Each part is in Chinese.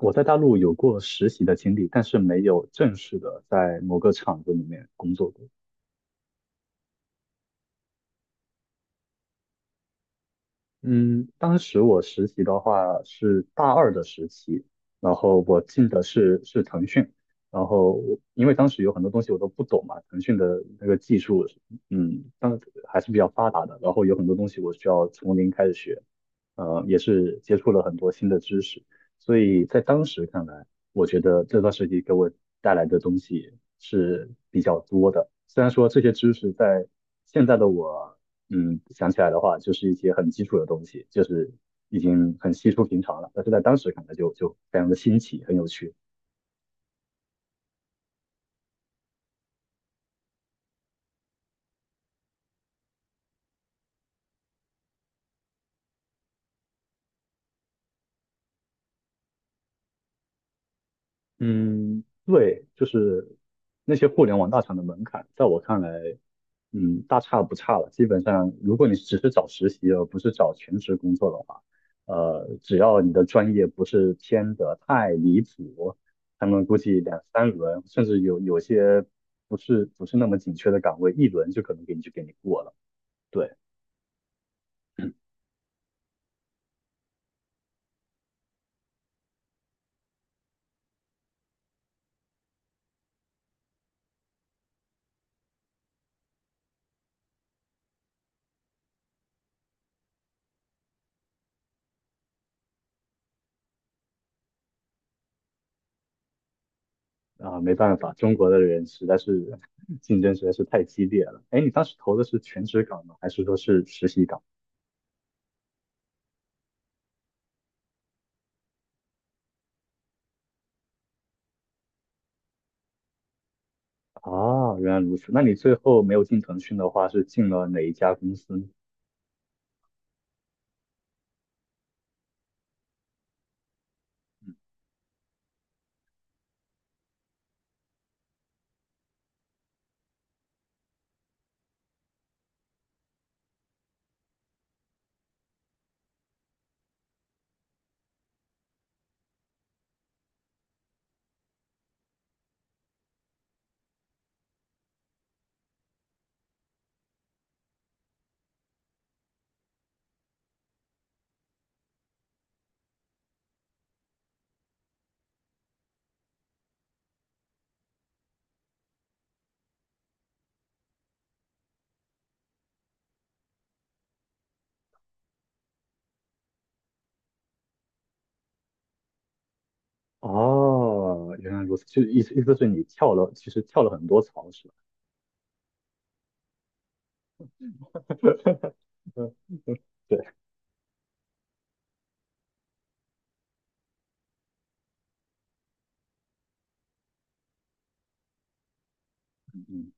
我在大陆有过实习的经历，但是没有正式的在某个厂子里面工作过。嗯，当时我实习的话是大二的时期，然后我进的是腾讯，然后我因为当时有很多东西我都不懂嘛，腾讯的那个技术，嗯，当还是比较发达的，然后有很多东西我需要从零开始学，也是接触了很多新的知识，所以在当时看来，我觉得这段时期给我带来的东西是比较多的，虽然说这些知识在现在的我。想起来的话，就是一些很基础的东西，就是已经很稀疏平常了。但是在当时看来就非常的新奇，很有趣。嗯，对，就是那些互联网大厂的门槛，在我看来，大差不差了。基本上，如果你只是找实习而不是找全职工作的话，只要你的专业不是偏得太离谱，他们估计两三轮，甚至有些不是那么紧缺的岗位，一轮就可能给你过了。对。啊，没办法，中国的人实在是 竞争实在是太激烈了。哎，你当时投的是全职岗吗？还是说是实习岗？啊，原来如此。那你最后没有进腾讯的话，是进了哪一家公司呢？哦，原来如此，就意思是你跳了，其实跳了很多槽是吧？嗯，对，嗯，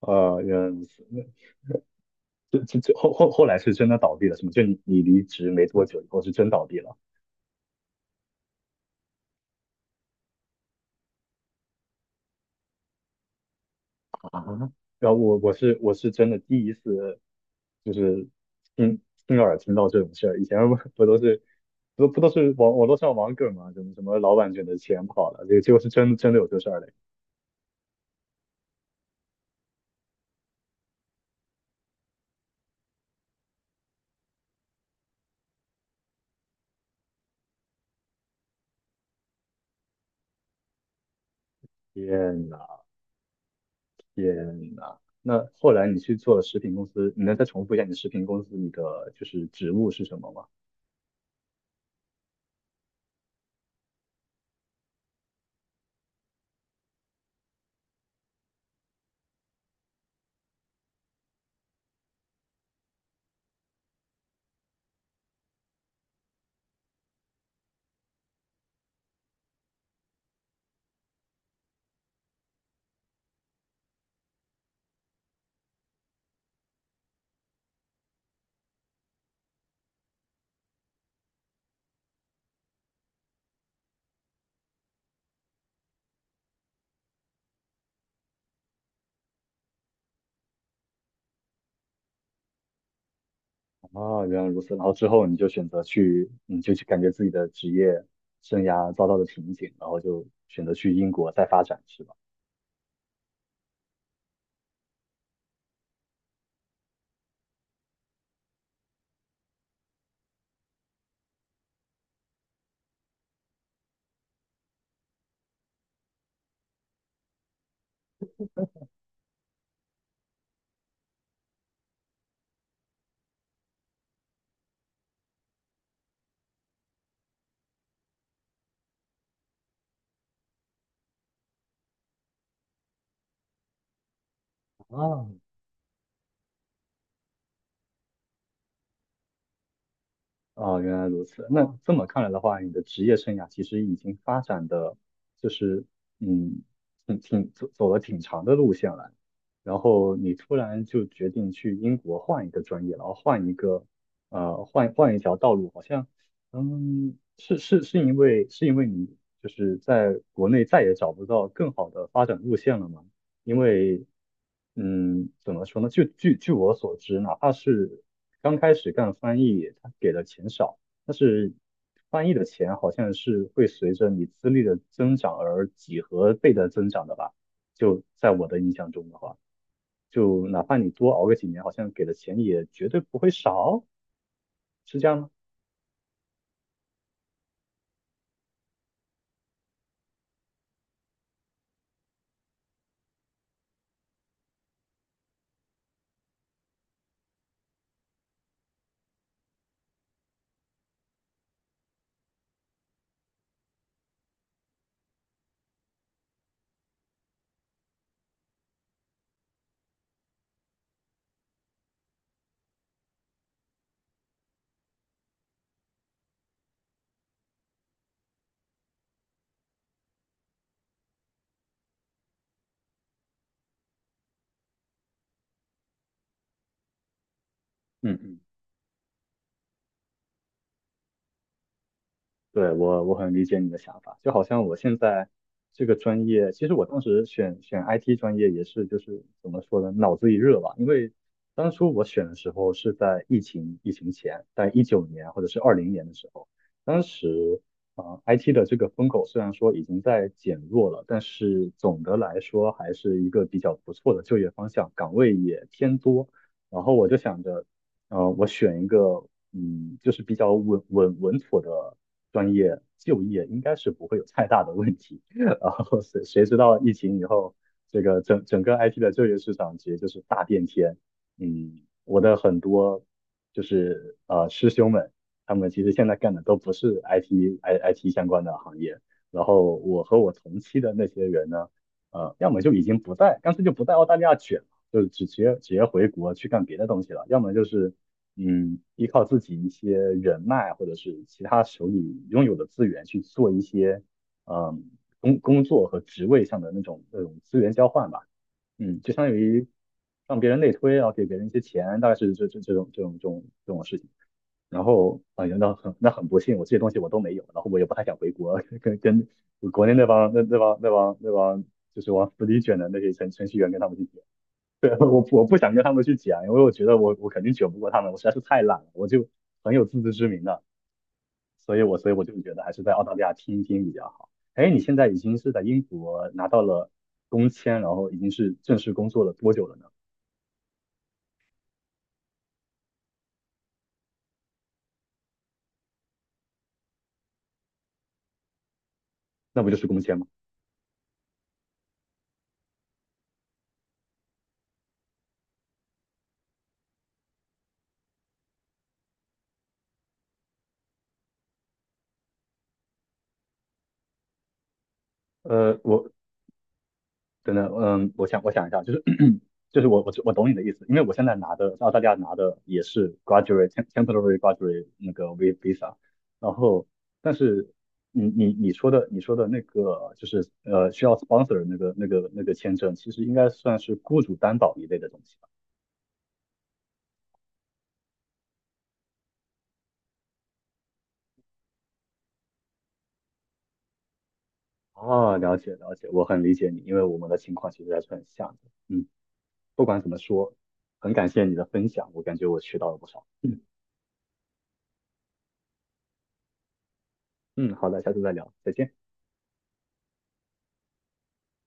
原来如此。那这这这后后后来是真的倒闭了是吗？就你离职没多久以后是真倒闭了。啊，然后我是真的第一次，就是亲亲耳听到这种事儿。以前不都是网络上网梗嘛，什么什么老板卷的钱跑了，这个结果是真的有这事儿嘞！天呐天呐！那后来你去做食品公司，你能再重复一下你食品公司你的就是职务是什么吗？啊，原来如此。然后之后你就去感觉自己的职业生涯遭到了瓶颈，然后就选择去英国再发展，是吧？啊，哦，原来如此。那这么看来的话，你的职业生涯其实已经发展的，就是嗯，挺挺走走了挺长的路线了。然后你突然就决定去英国换一个专业，然后换一条道路，好像是是是因为是因为你就是在国内再也找不到更好的发展路线了吗？因为，怎么说呢？就据我所知，哪怕是刚开始干翻译，他给的钱少，但是翻译的钱好像是会随着你资历的增长而几何倍的增长的吧？就在我的印象中的话，就哪怕你多熬个几年，好像给的钱也绝对不会少，是这样吗？嗯嗯，对，我很理解你的想法，就好像我现在这个专业，其实我当时选 IT 专业也是就是怎么说呢，脑子一热吧，因为当初我选的时候是在疫情前，在19年或者是20年的时候，当时IT 的这个风口虽然说已经在减弱了，但是总的来说还是一个比较不错的就业方向，岗位也偏多，然后我就想着。我选一个，就是比较稳妥的专业就业应该是不会有太大的问题。然后谁知道疫情以后，这个整个 IT 的就业市场其实就是大变天。我的很多就是师兄们，他们其实现在干的都不是 IT IT 相关的行业。然后我和我同期的那些人呢，要么就已经不在，干脆就不在澳大利亚卷了，就直接回国去干别的东西了；要么就是依靠自己一些人脉或者是其他手里拥有的资源去做一些，嗯，工作和职位上的那种资源交换吧。就相当于让别人内推，然后给别人一些钱，大概是这种事情。然后，哎呀，那很不幸，我这些东西我都没有，然后我也不太想回国，跟国内那帮就是往死里卷的那些程序员跟他们去比。对，我不想跟他们去讲，因为我觉得我肯定卷不过他们，我实在是太懒了，我就很有自知之明的，所以我就觉得还是在澳大利亚听一听比较好。哎，你现在已经是在英国拿到了工签，然后已经是正式工作了多久了呢？那不就是工签吗？我真的，我想一下，就是 就是我懂你的意思，因为我现在拿的在澳大利亚拿的也是 graduate temporary graduate 那个 visa，然后但是你说的那个就是需要 sponsor 那个签证，其实应该算是雇主担保一类的东西吧。哦，了解了解，我很理解你，因为我们的情况其实还是很像的。嗯，不管怎么说，很感谢你的分享，我感觉我学到了不少。嗯嗯，好的，下次再聊，再见。